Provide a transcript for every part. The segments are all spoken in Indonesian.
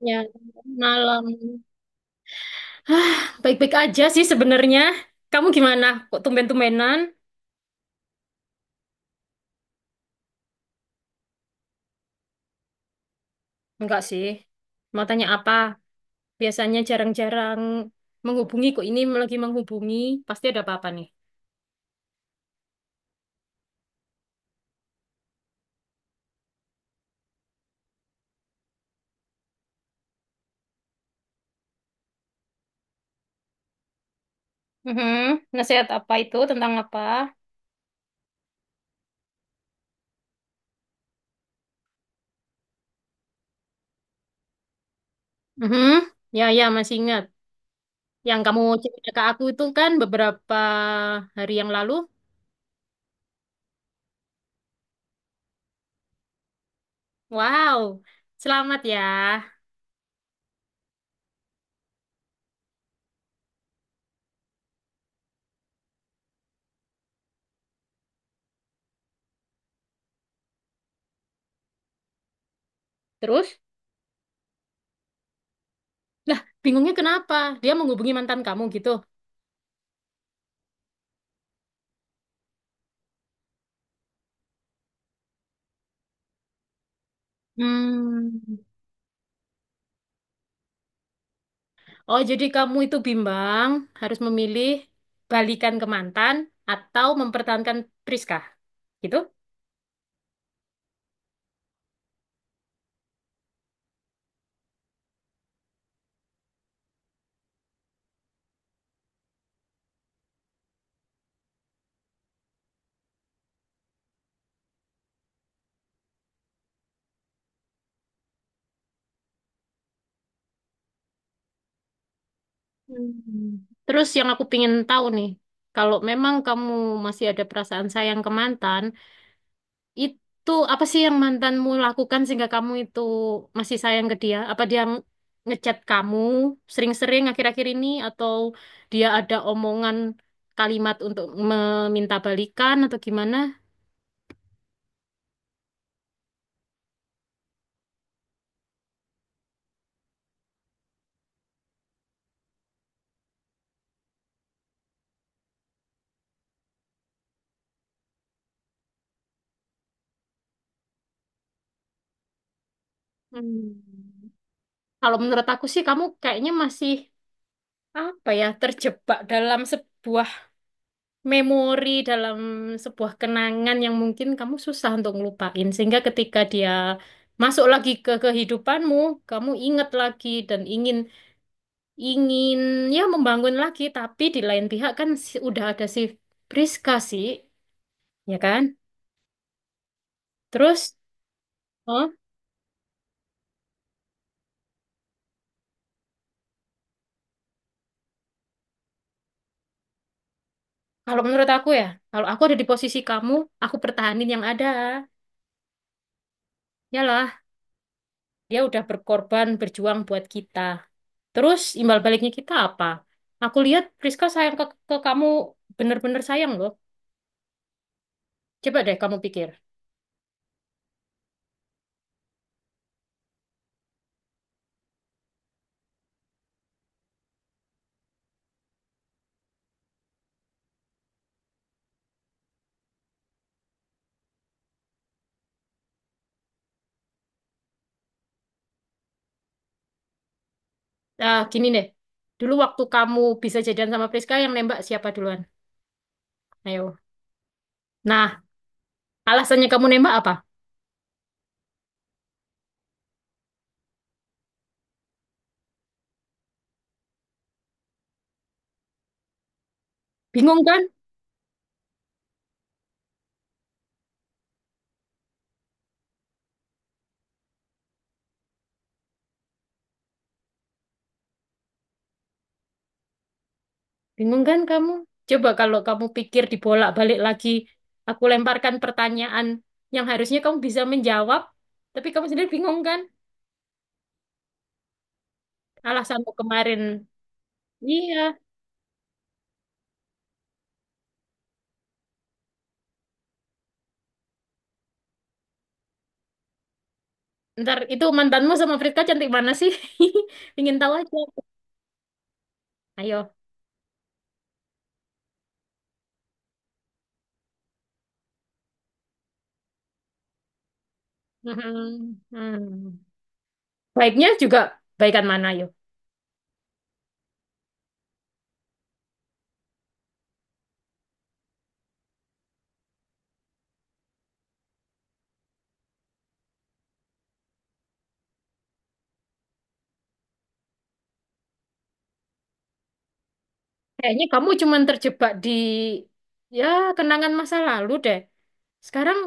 Ya, malam. Hah, baik-baik aja sih sebenarnya. Kamu gimana? Kok tumben-tumbenan? Enggak sih. Mau tanya apa? Biasanya jarang-jarang menghubungi. Kok ini lagi menghubungi? Pasti ada apa-apa nih. Mhm. Nasihat apa itu? Tentang apa? Mhm. Ya, ya, masih ingat. Yang kamu cerita ke aku itu kan beberapa hari yang lalu. Wow, selamat ya. Terus? Lah, bingungnya kenapa? Dia menghubungi mantan kamu gitu. Hmm. Oh, jadi kamu itu bimbang harus memilih balikan ke mantan atau mempertahankan Priska, gitu? Hmm. Terus yang aku pingin tahu nih, kalau memang kamu masih ada perasaan sayang ke mantan, itu apa sih yang mantanmu lakukan sehingga kamu itu masih sayang ke dia? Apa dia ngechat kamu sering-sering akhir-akhir ini atau dia ada omongan kalimat untuk meminta balikan atau gimana? Hmm. Kalau menurut aku sih kamu kayaknya masih apa ya terjebak dalam sebuah memori, dalam sebuah kenangan yang mungkin kamu susah untuk ngelupain. Sehingga ketika dia masuk lagi ke kehidupanmu, kamu ingat lagi dan ingin ingin ya membangun lagi. Tapi di lain pihak kan udah ada si Priska sih, ya kan? Terus, oh, kalau menurut aku ya, kalau aku ada di posisi kamu, aku pertahanin yang ada. Yalah, dia udah berkorban, berjuang buat kita. Terus imbal baliknya kita apa? Aku lihat Priska sayang ke kamu, bener-bener sayang loh. Coba deh kamu pikir. Ah, gini deh, dulu waktu kamu bisa jadian sama Priska yang nembak siapa duluan? Ayo. Nah, alasannya kamu nembak apa? Bingung kan? Bingung kan kamu? Coba kalau kamu pikir dibolak-balik lagi, aku lemparkan pertanyaan yang harusnya kamu bisa menjawab, tapi kamu sendiri bingung kan? Alasanmu kemarin. Iya, ntar itu mantanmu sama Friska cantik mana sih? Ingin tahu aja. Ayo. Mhm. Hmm. Baiknya juga baikan mana, ayo. Kayaknya kamu cuman terjebak di ya kenangan masa lalu deh. Sekarang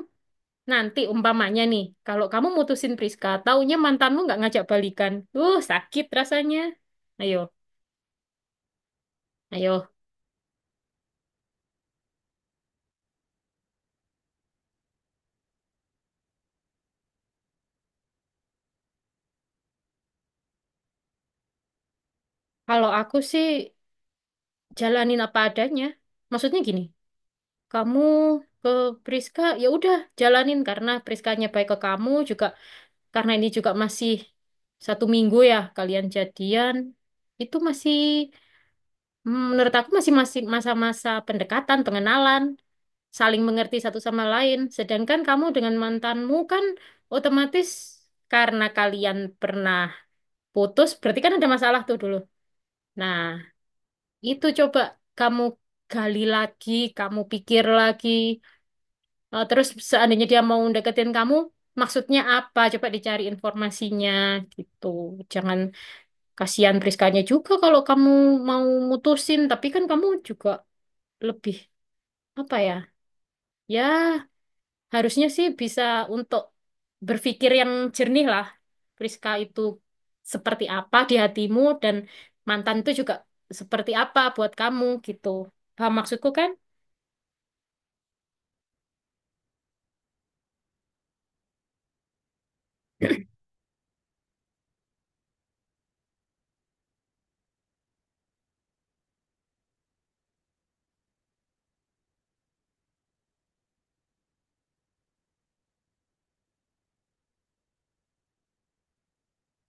nanti umpamanya nih, kalau kamu mutusin Priska, taunya mantanmu nggak ngajak balikan. Sakit rasanya. Ayo, ayo. Kalau aku sih jalanin apa adanya. Maksudnya gini, kamu ke Priska ya udah jalanin karena Priskanya baik ke kamu juga karena ini juga masih satu minggu ya kalian jadian, itu masih menurut aku masih masih masa-masa pendekatan, pengenalan, saling mengerti satu sama lain. Sedangkan kamu dengan mantanmu kan otomatis karena kalian pernah putus, berarti kan ada masalah tuh dulu. Nah, itu coba kamu gali lagi, kamu pikir lagi. Eh, terus seandainya dia mau deketin kamu, maksudnya apa? Coba dicari informasinya gitu. Jangan Kasihan Priskanya juga kalau kamu mau mutusin, tapi kan kamu juga lebih apa ya? Ya, harusnya sih bisa untuk berpikir yang jernih lah. Priska itu seperti apa di hatimu dan mantan itu juga seperti apa buat kamu gitu. Paham maksudku kan?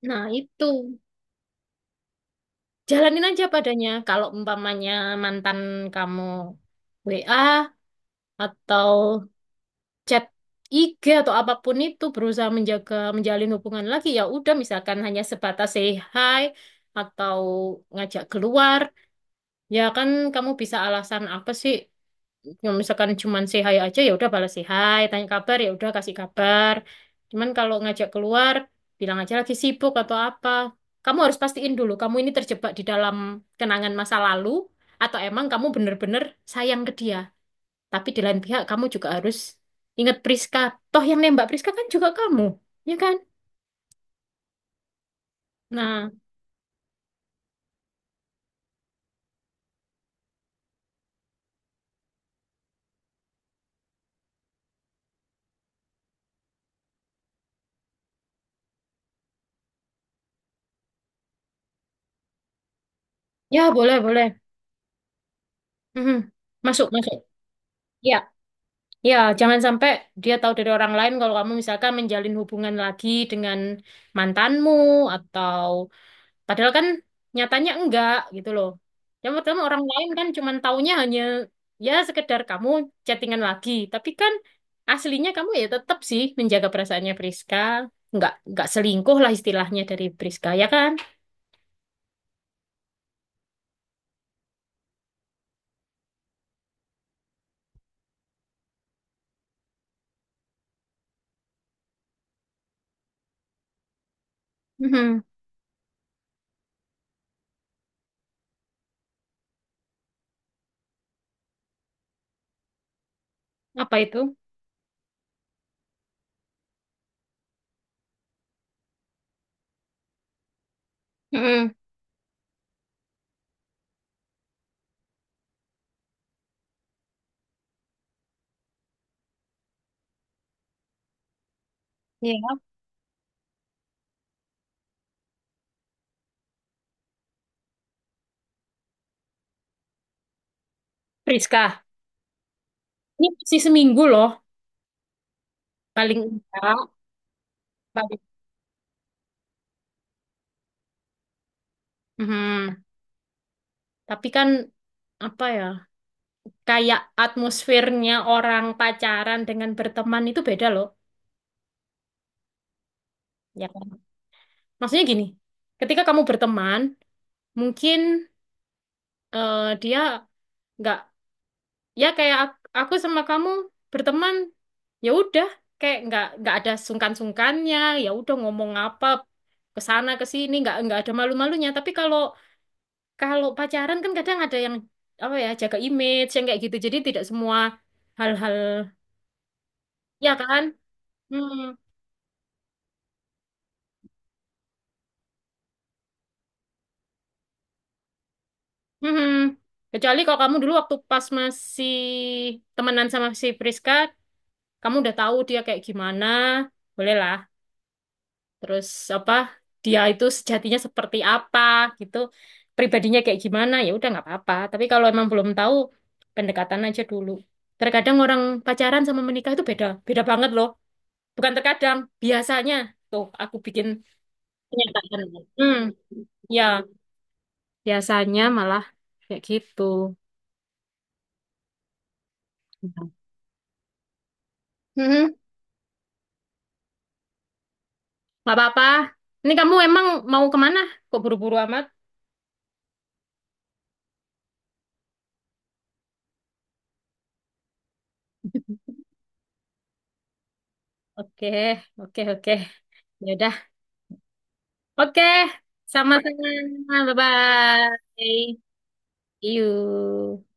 Nah, itu. Jalanin aja padanya. Kalau umpamanya mantan kamu WA atau chat IG atau apapun itu berusaha menjaga menjalin hubungan lagi ya udah misalkan hanya sebatas say hi atau ngajak keluar ya kan kamu bisa alasan apa sih ya, misalkan cuman say hi aja ya udah balas say hi tanya kabar ya udah kasih kabar cuman kalau ngajak keluar bilang aja lagi sibuk atau apa kamu harus pastiin dulu kamu ini terjebak di dalam kenangan masa lalu atau emang kamu bener-bener sayang ke dia tapi di lain pihak kamu juga harus ingat Priska. Toh yang nembak Priska kan juga kamu, ya kan? Nah, ya boleh, boleh. Mhm. Masuk, masuk. Ya, ya, jangan sampai dia tahu dari orang lain kalau kamu misalkan menjalin hubungan lagi dengan mantanmu atau Padahal kan nyatanya enggak gitu loh. Yang pertama orang lain kan cuman taunya hanya ya sekedar kamu chattingan lagi. Tapi kan aslinya kamu ya tetap sih menjaga perasaannya Priska. Enggak selingkuh lah istilahnya dari Priska ya kan? Mhm. Apa itu? Mhm. Iya. Priska. Ini masih seminggu loh. Paling enggak. Paling. Mhm. Tapi kan apa ya? Kayak atmosfernya orang pacaran dengan berteman itu beda loh. Ya Maksudnya gini, ketika kamu berteman, mungkin dia nggak, ya kayak aku sama kamu berteman, ya udah, kayak nggak ada sungkan-sungkannya, ya udah ngomong apa ke sana ke sini, nggak ada malu-malunya. Tapi kalau kalau pacaran kan kadang ada yang apa ya jaga image yang kayak gitu, jadi tidak semua hal-hal, ya kan? Hmm, hmm. Kecuali kalau kamu dulu waktu pas masih temenan sama si Priska, kamu udah tahu dia kayak gimana, bolehlah. Terus apa, dia itu sejatinya seperti apa gitu, pribadinya kayak gimana, ya udah nggak apa-apa. Tapi kalau emang belum tahu, pendekatan aja dulu. Terkadang orang pacaran sama menikah itu beda, beda banget loh. Bukan terkadang, biasanya. Tuh, aku bikin pernyataan. Hmm, ya, biasanya malah kayak gitu. Hmm, nggak apa-apa. Ini kamu emang mau kemana? Kok buru-buru amat? Oke, oke, oke. Ya udah. Oke, sama-sama. Bye-bye. See you.